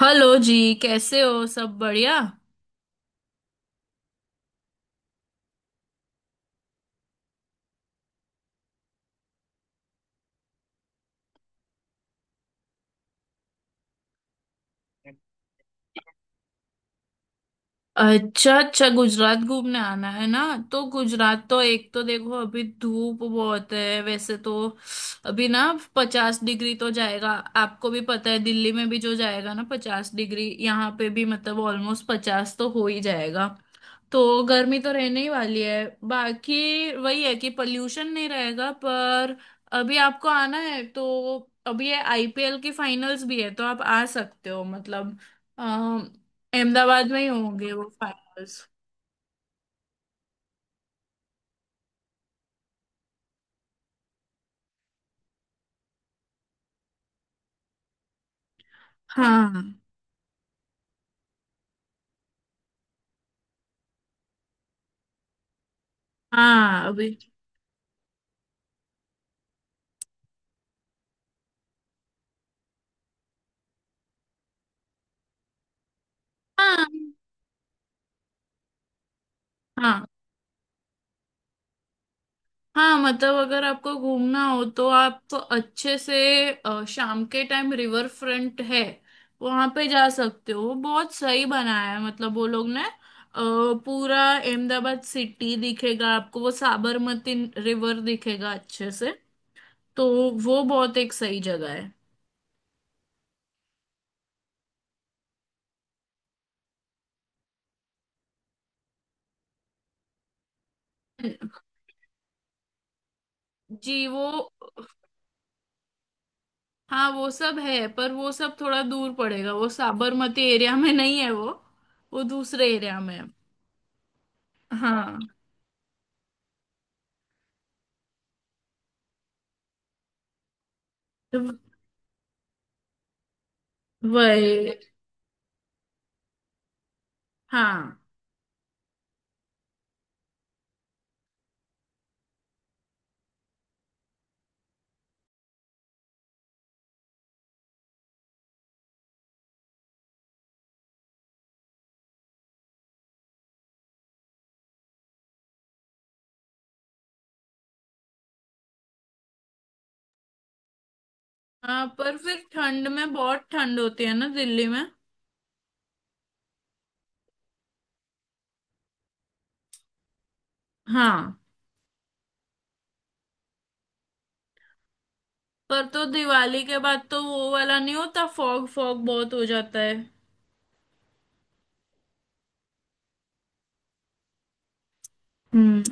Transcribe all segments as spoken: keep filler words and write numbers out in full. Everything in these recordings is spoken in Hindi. हेलो जी। कैसे हो? सब बढ़िया? अच्छा अच्छा, गुजरात घूमने आना है ना। तो गुजरात तो एक तो देखो, अभी धूप बहुत है वैसे तो। अभी ना पचास डिग्री तो जाएगा। आपको भी पता है दिल्ली में भी जो जाएगा ना पचास डिग्री, यहाँ पे भी मतलब ऑलमोस्ट पचास तो हो ही जाएगा। तो गर्मी तो रहने ही वाली है। बाकी वही है कि पॉल्यूशन नहीं रहेगा, पर अभी आपको आना है तो अभी ये आई पी एल की फाइनल्स भी है, तो आप आ सकते हो मतलब। अम, अहमदाबाद में ही होंगे वो फाइनल्स। हाँ हाँ, अभी। हाँ हाँ। हाँ मतलब अगर आपको घूमना हो तो आप अच्छे से, अ, शाम के टाइम रिवर फ्रंट है, वहां पे जा सकते हो। बहुत सही बनाया है मतलब वो लोग ने। अ, पूरा अहमदाबाद सिटी दिखेगा आपको, वो साबरमती रिवर दिखेगा अच्छे से। तो वो बहुत एक सही जगह है। जी वो, हाँ वो सब है पर वो सब थोड़ा दूर पड़ेगा, वो साबरमती एरिया में नहीं है वो वो दूसरे एरिया में है। हाँ। वही। हाँ। आ, पर फिर ठंड में बहुत ठंड होती है ना दिल्ली में। हाँ, पर तो दिवाली के बाद तो वो वाला नहीं होता? फॉग फॉग बहुत हो जाता है। हम्म।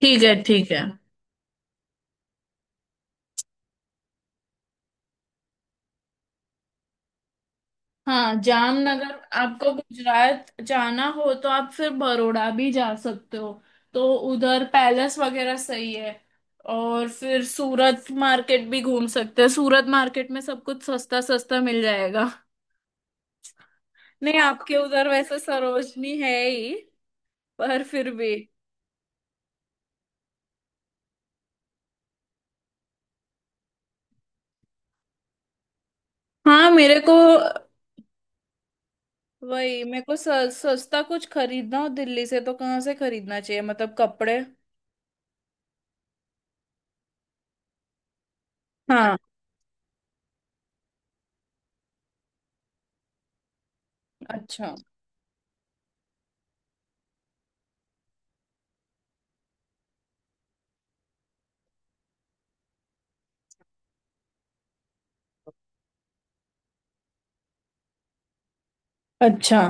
ठीक है ठीक है। हाँ जामनगर। आपको गुजरात जाना हो तो आप फिर बड़ौदा भी जा सकते हो, तो उधर पैलेस वगैरह सही है। और फिर सूरत मार्केट भी घूम सकते हैं, सूरत मार्केट में सब कुछ सस्ता सस्ता मिल जाएगा। नहीं, आपके उधर वैसे सरोजनी है ही, पर फिर भी। हाँ, मेरे को, वही मेरे को स- सस्ता कुछ खरीदना हो दिल्ली से तो कहाँ से खरीदना चाहिए मतलब, कपड़े? हाँ। अच्छा अच्छा।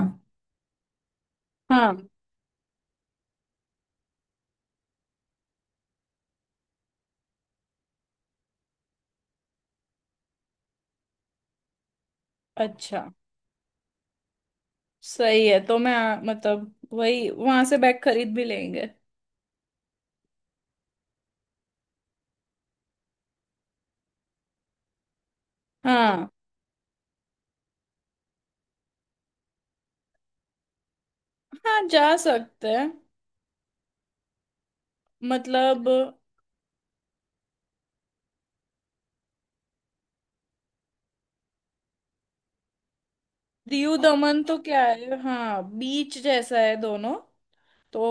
हाँ। अच्छा। सही है, तो मैं आ, मतलब वही वहां से बैग खरीद भी लेंगे। हाँ हाँ, जा सकते हैं। मतलब दीव दमन तो क्या है, हाँ बीच जैसा है दोनों। तो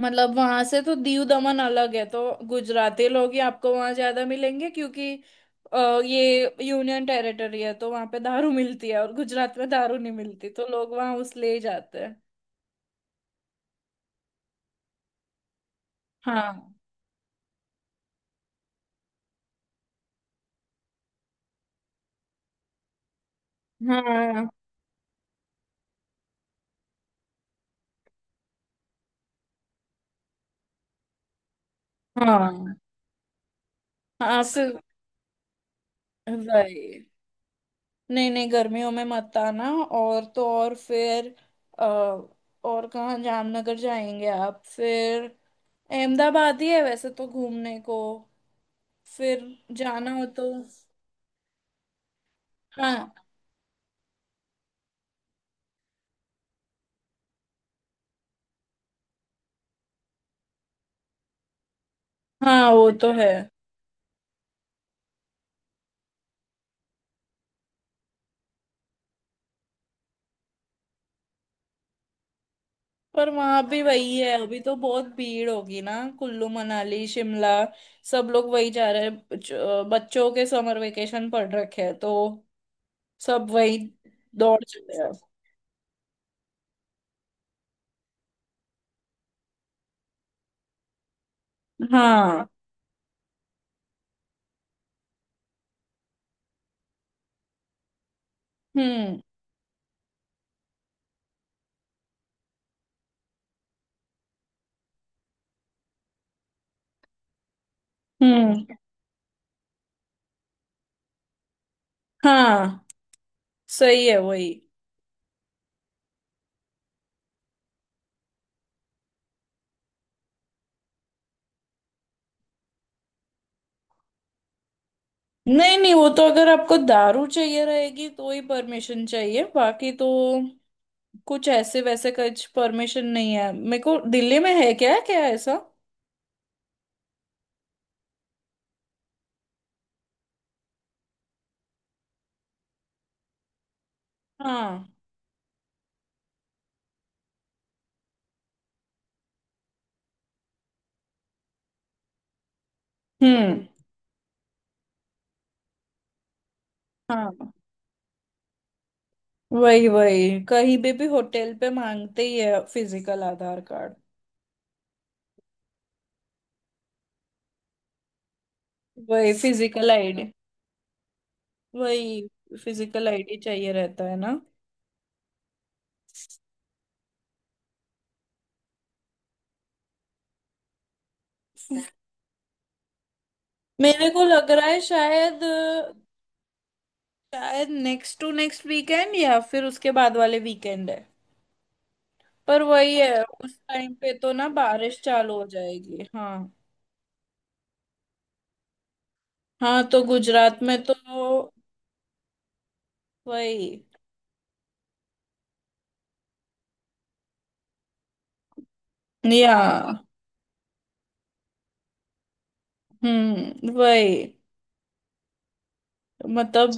मतलब वहां से तो दीव दमन अलग है। तो गुजराती लोग ही आपको वहां ज्यादा मिलेंगे क्योंकि अ, ये यूनियन टेरिटरी है, तो वहां पे दारू मिलती है और गुजरात में दारू नहीं मिलती, तो लोग वहां उस ले ही जाते हैं। हाँ। हाँ। हाँ। हाँ सिर्फ। वही। नहीं नहीं, गर्मियों में मत आना। और तो और फिर अ, और कहाँ जामनगर जाएंगे आप फिर? अहमदाबाद ही है वैसे तो घूमने को, फिर जाना हो तो। हाँ हाँ, वो तो है। पर वहां भी वही है, अभी तो बहुत भीड़ होगी ना। कुल्लू मनाली शिमला, सब लोग वही जा रहे हैं। बच- अ, बच्चों के समर वेकेशन पड़ रखे हैं, तो सब वही दौड़ चले हैं। हाँ। हम्म। हम्म। हाँ सही है, वही। नहीं नहीं, वो तो अगर आपको दारू चाहिए रहेगी तो ही परमिशन चाहिए, बाकी तो कुछ ऐसे वैसे कुछ परमिशन नहीं है। मेरे को दिल्ली में है क्या क्या ऐसा? हाँ। हम्म। हाँ वही वही, कहीं भी भी होटल पे मांगते ही है फिजिकल आधार कार्ड। वही, फिजिकल आईडी। वही फिजिकल आईडी चाहिए रहता है ना। मेरे को लग रहा है शायद, शायद नेक्स्ट टू नेक्स्ट वीकेंड या फिर उसके बाद वाले वीकेंड है। पर वही है, उस टाइम पे तो ना बारिश चालू हो जाएगी। हाँ। हाँ, तो गुजरात में तो वही। या। हम्म। वही। मतलब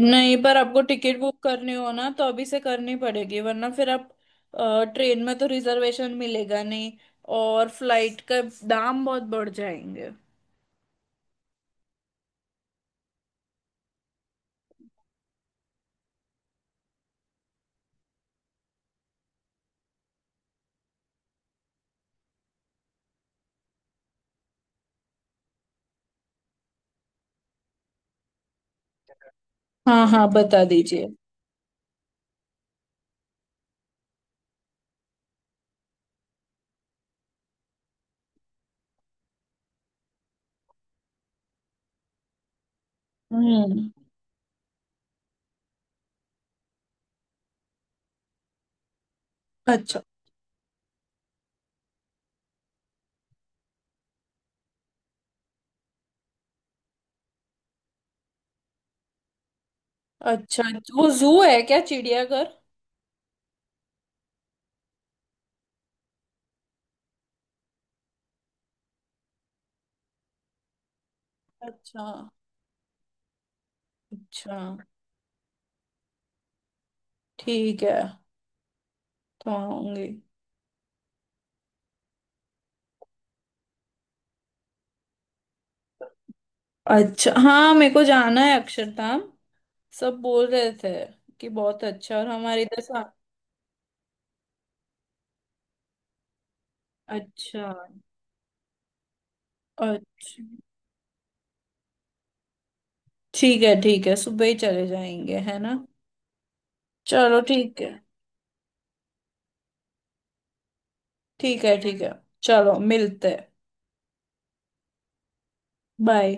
नहीं, पर आपको टिकट बुक करनी हो ना तो अभी से करनी पड़ेगी, वरना फिर आप ट्रेन में तो रिजर्वेशन मिलेगा नहीं, और फ्लाइट का दाम बहुत बढ़ जाएंगे। हाँ हाँ, बता दीजिए। हम्म। अच्छा। अच्छा, वो जू है क्या, चिड़ियाघर? अच्छा। अच्छा, ठीक है, तो आऊंगी। अच्छा हाँ, मेरे को जाना है अक्षरधाम। सब बोल रहे थे कि बहुत अच्छा। और हमारे इधर सा- अच्छा। अच्छा, ठीक है ठीक है, सुबह ही चले जाएंगे, है ना। चलो ठीक है। ठीक है ठीक है। चलो मिलते हैं। बाय।